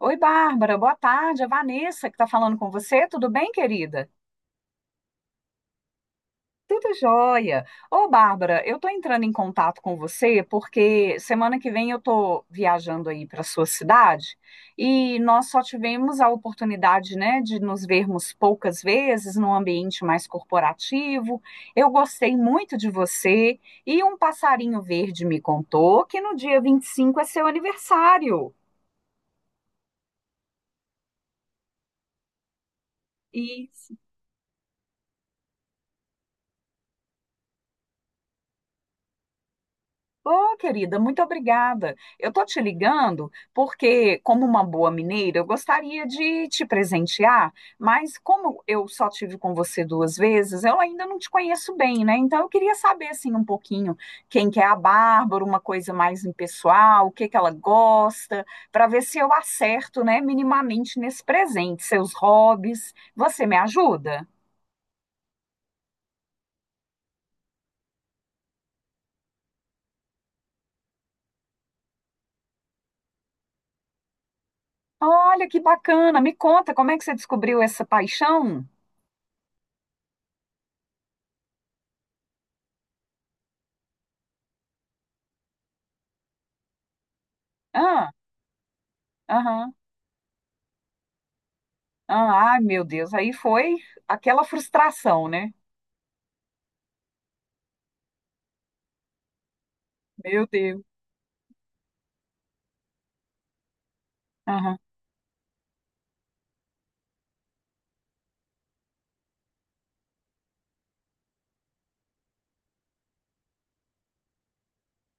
Oi, Bárbara, boa tarde. É Vanessa que está falando com você. Tudo bem, querida? Tudo jóia. Ô, Bárbara, eu tô entrando em contato com você porque semana que vem eu tô viajando aí para sua cidade e nós só tivemos a oportunidade, né, de nos vermos poucas vezes num ambiente mais corporativo. Eu gostei muito de você e um passarinho verde me contou que no dia 25 é seu aniversário. Isso. Ô, querida, muito obrigada. Eu tô te ligando porque, como uma boa mineira, eu gostaria de te presentear, mas como eu só tive com você duas vezes, eu ainda não te conheço bem, né? Então eu queria saber assim um pouquinho quem que é a Bárbara, uma coisa mais impessoal, o que que ela gosta, para ver se eu acerto, né, minimamente nesse presente, seus hobbies. Você me ajuda? Olha que bacana. Me conta, como é que você descobriu essa paixão? Ah, aham. Ah, ai, meu Deus, aí foi aquela frustração, né? Meu Deus. Aham.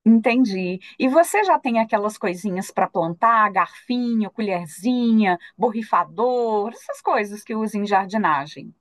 Entendi. E você já tem aquelas coisinhas para plantar, garfinho, colherzinha, borrifador, essas coisas que usa em jardinagem?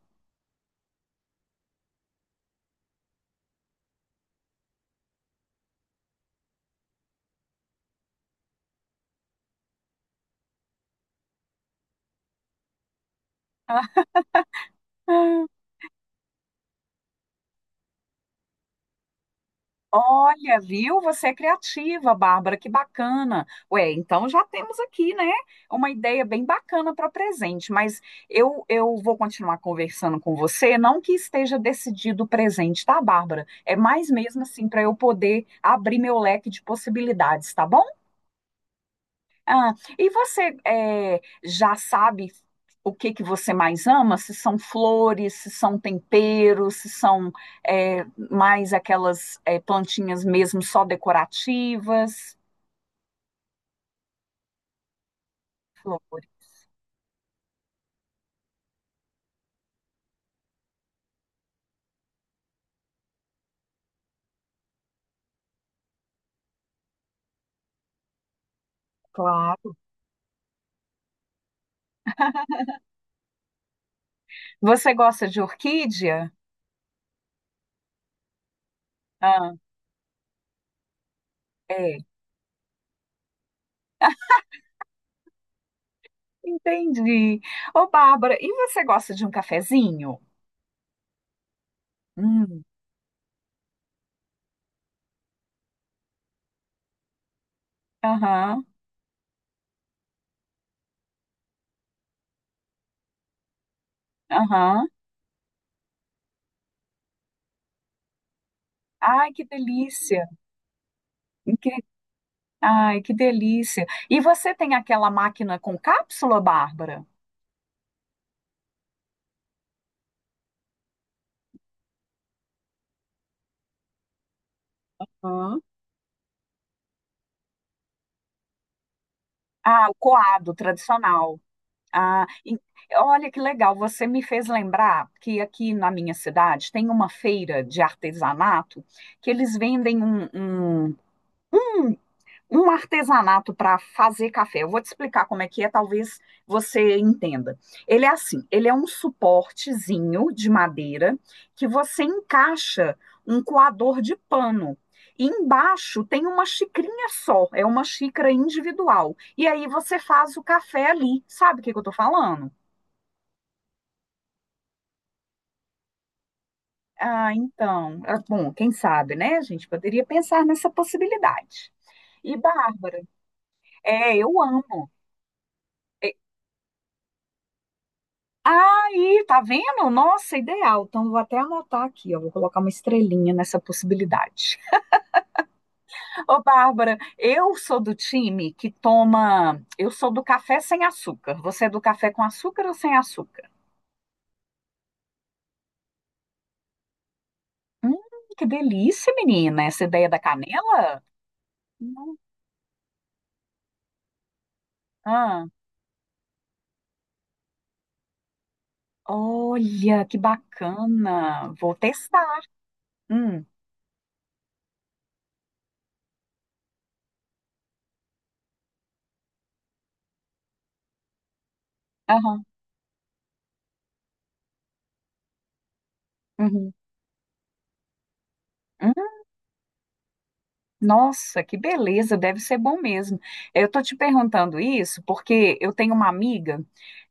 Olha, viu? Você é criativa, Bárbara, que bacana. Ué, então já temos aqui, né, uma ideia bem bacana para presente, mas eu vou continuar conversando com você, não que esteja decidido o presente, tá, Bárbara? É mais mesmo assim para eu poder abrir meu leque de possibilidades, tá bom? Ah, e você já sabe o que que você mais ama? Se são flores, se são temperos, se são eh, mais aquelas plantinhas mesmo só decorativas? Flores, claro. Você gosta de orquídea? Ah, é. Entendi. Ô, Bárbara, e você gosta de um cafezinho? Hum, aham, aham. Ai, que delícia. Ai, que delícia. E você tem aquela máquina com cápsula, Bárbara? Hã? Ah, o coado tradicional. Ah, e- olha que legal, você me fez lembrar que aqui na minha cidade tem uma feira de artesanato que eles vendem um- um um artesanato para fazer café. Eu vou te explicar como é que é, talvez você entenda. Ele é assim, ele é um suportezinho de madeira que você encaixa um coador de pano. E embaixo tem uma xicrinha só, é uma xícara individual. E aí você faz o café ali. Sabe o que que eu tô falando? Ah, então, ah, bom, quem sabe, né? A gente poderia pensar nessa possibilidade. E Bárbara, é, eu amo. Aí, tá vendo? Nossa, ideal. Então, vou até anotar aqui, ó. Vou colocar uma estrelinha nessa possibilidade. Ô, Bárbara, eu sou do time que toma. Eu sou do café sem açúcar. Você é do café com açúcar ou sem açúcar? Hum, que delícia, menina, essa ideia da canela? Não. Ah, olha, que bacana. Vou testar. Hum, aham, uhum. Hum. Nossa, que beleza, deve ser bom mesmo. Eu tô te perguntando isso porque eu tenho uma amiga.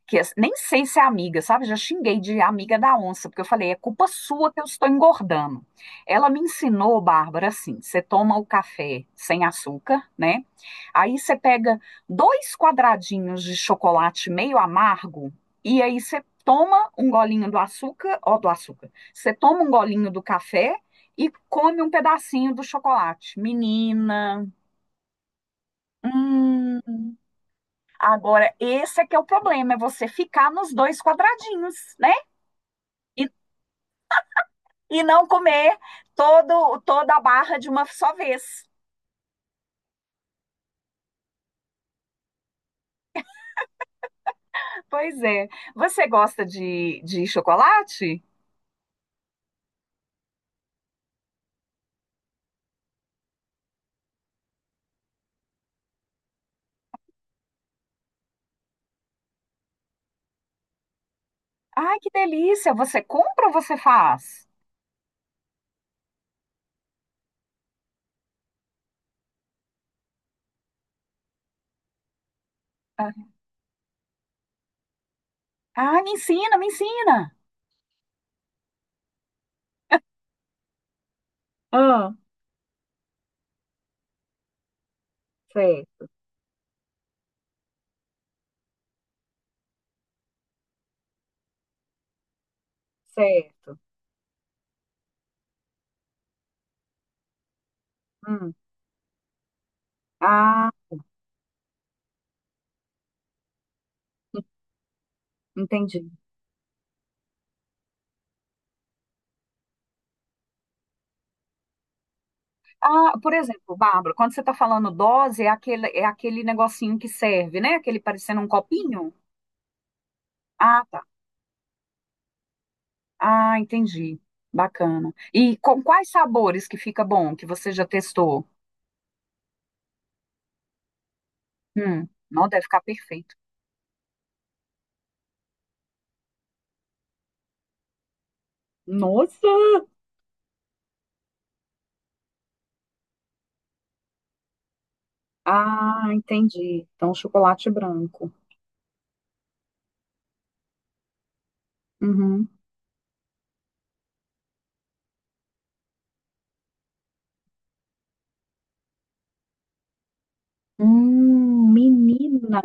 Que as- nem sei se é amiga, sabe? Já xinguei de amiga da onça, porque eu falei, é culpa sua que eu estou engordando. Ela me ensinou, Bárbara, assim: você toma o café sem açúcar, né? Aí você pega dois quadradinhos de chocolate meio amargo, e aí você toma um golinho do açúcar, ó, do açúcar. Você toma um golinho do café e come um pedacinho do chocolate. Menina, hum. Agora, esse é que é o problema, é você ficar nos dois quadradinhos, né? E e não comer todo, toda a barra de uma só vez. Pois é. Você gosta de chocolate? Ai, que delícia! Você compra ou você faz? Ah, ah, me ensina, me ensina. Ah, certo, certo. Hum. Ah, entendi. Ah, por exemplo, Bárbara, quando você está falando dose, é aquele negocinho que serve, né? Aquele parecendo um copinho? Ah, tá. Ah, entendi. Bacana. E com quais sabores que fica bom, que você já testou? Não deve ficar perfeito. Nossa! Ah, entendi. Então, chocolate branco. Uhum. Menina!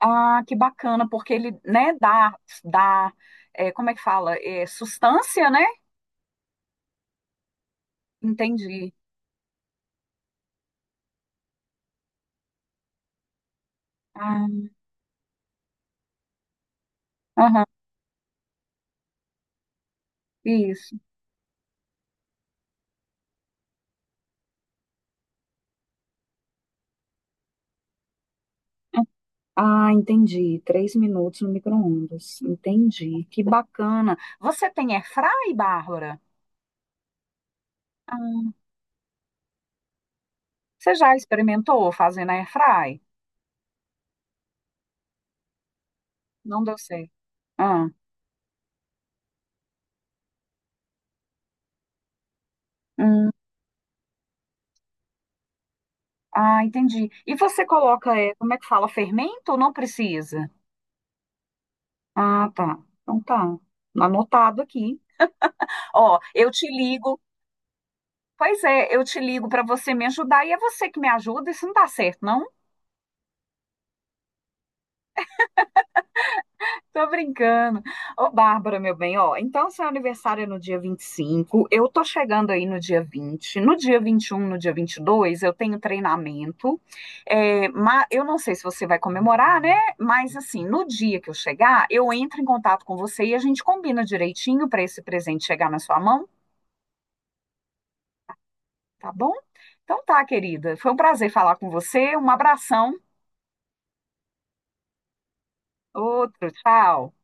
Ah, que bacana, porque ele, né, dá, é, como é que fala? É, sustância, né? Entendi. Ah, aham, isso. Ah, entendi. 3 minutos no micro-ondas. Entendi. Que bacana. Você tem airfry, Bárbara? Ah, você já experimentou fazendo airfry? Não deu certo. Ah, hum. Ah, entendi. E você coloca, é, como é que fala, fermento ou não precisa? Ah, tá. Então tá. Anotado aqui. Ó, eu te ligo. Pois é, eu te ligo para você me ajudar e é você que me ajuda. Isso não dá certo, não. Tô brincando. Ô, Bárbara, meu bem, ó, então seu aniversário é no dia 25. Eu tô chegando aí no dia 20. No dia 21, no dia 22, eu tenho treinamento, é, eu não sei se você vai comemorar, né? Mas, assim, no dia que eu chegar, eu entro em contato com você e a gente combina direitinho pra esse presente chegar na sua mão, tá bom? Então tá, querida, foi um prazer falar com você, um abração, outro, tchau.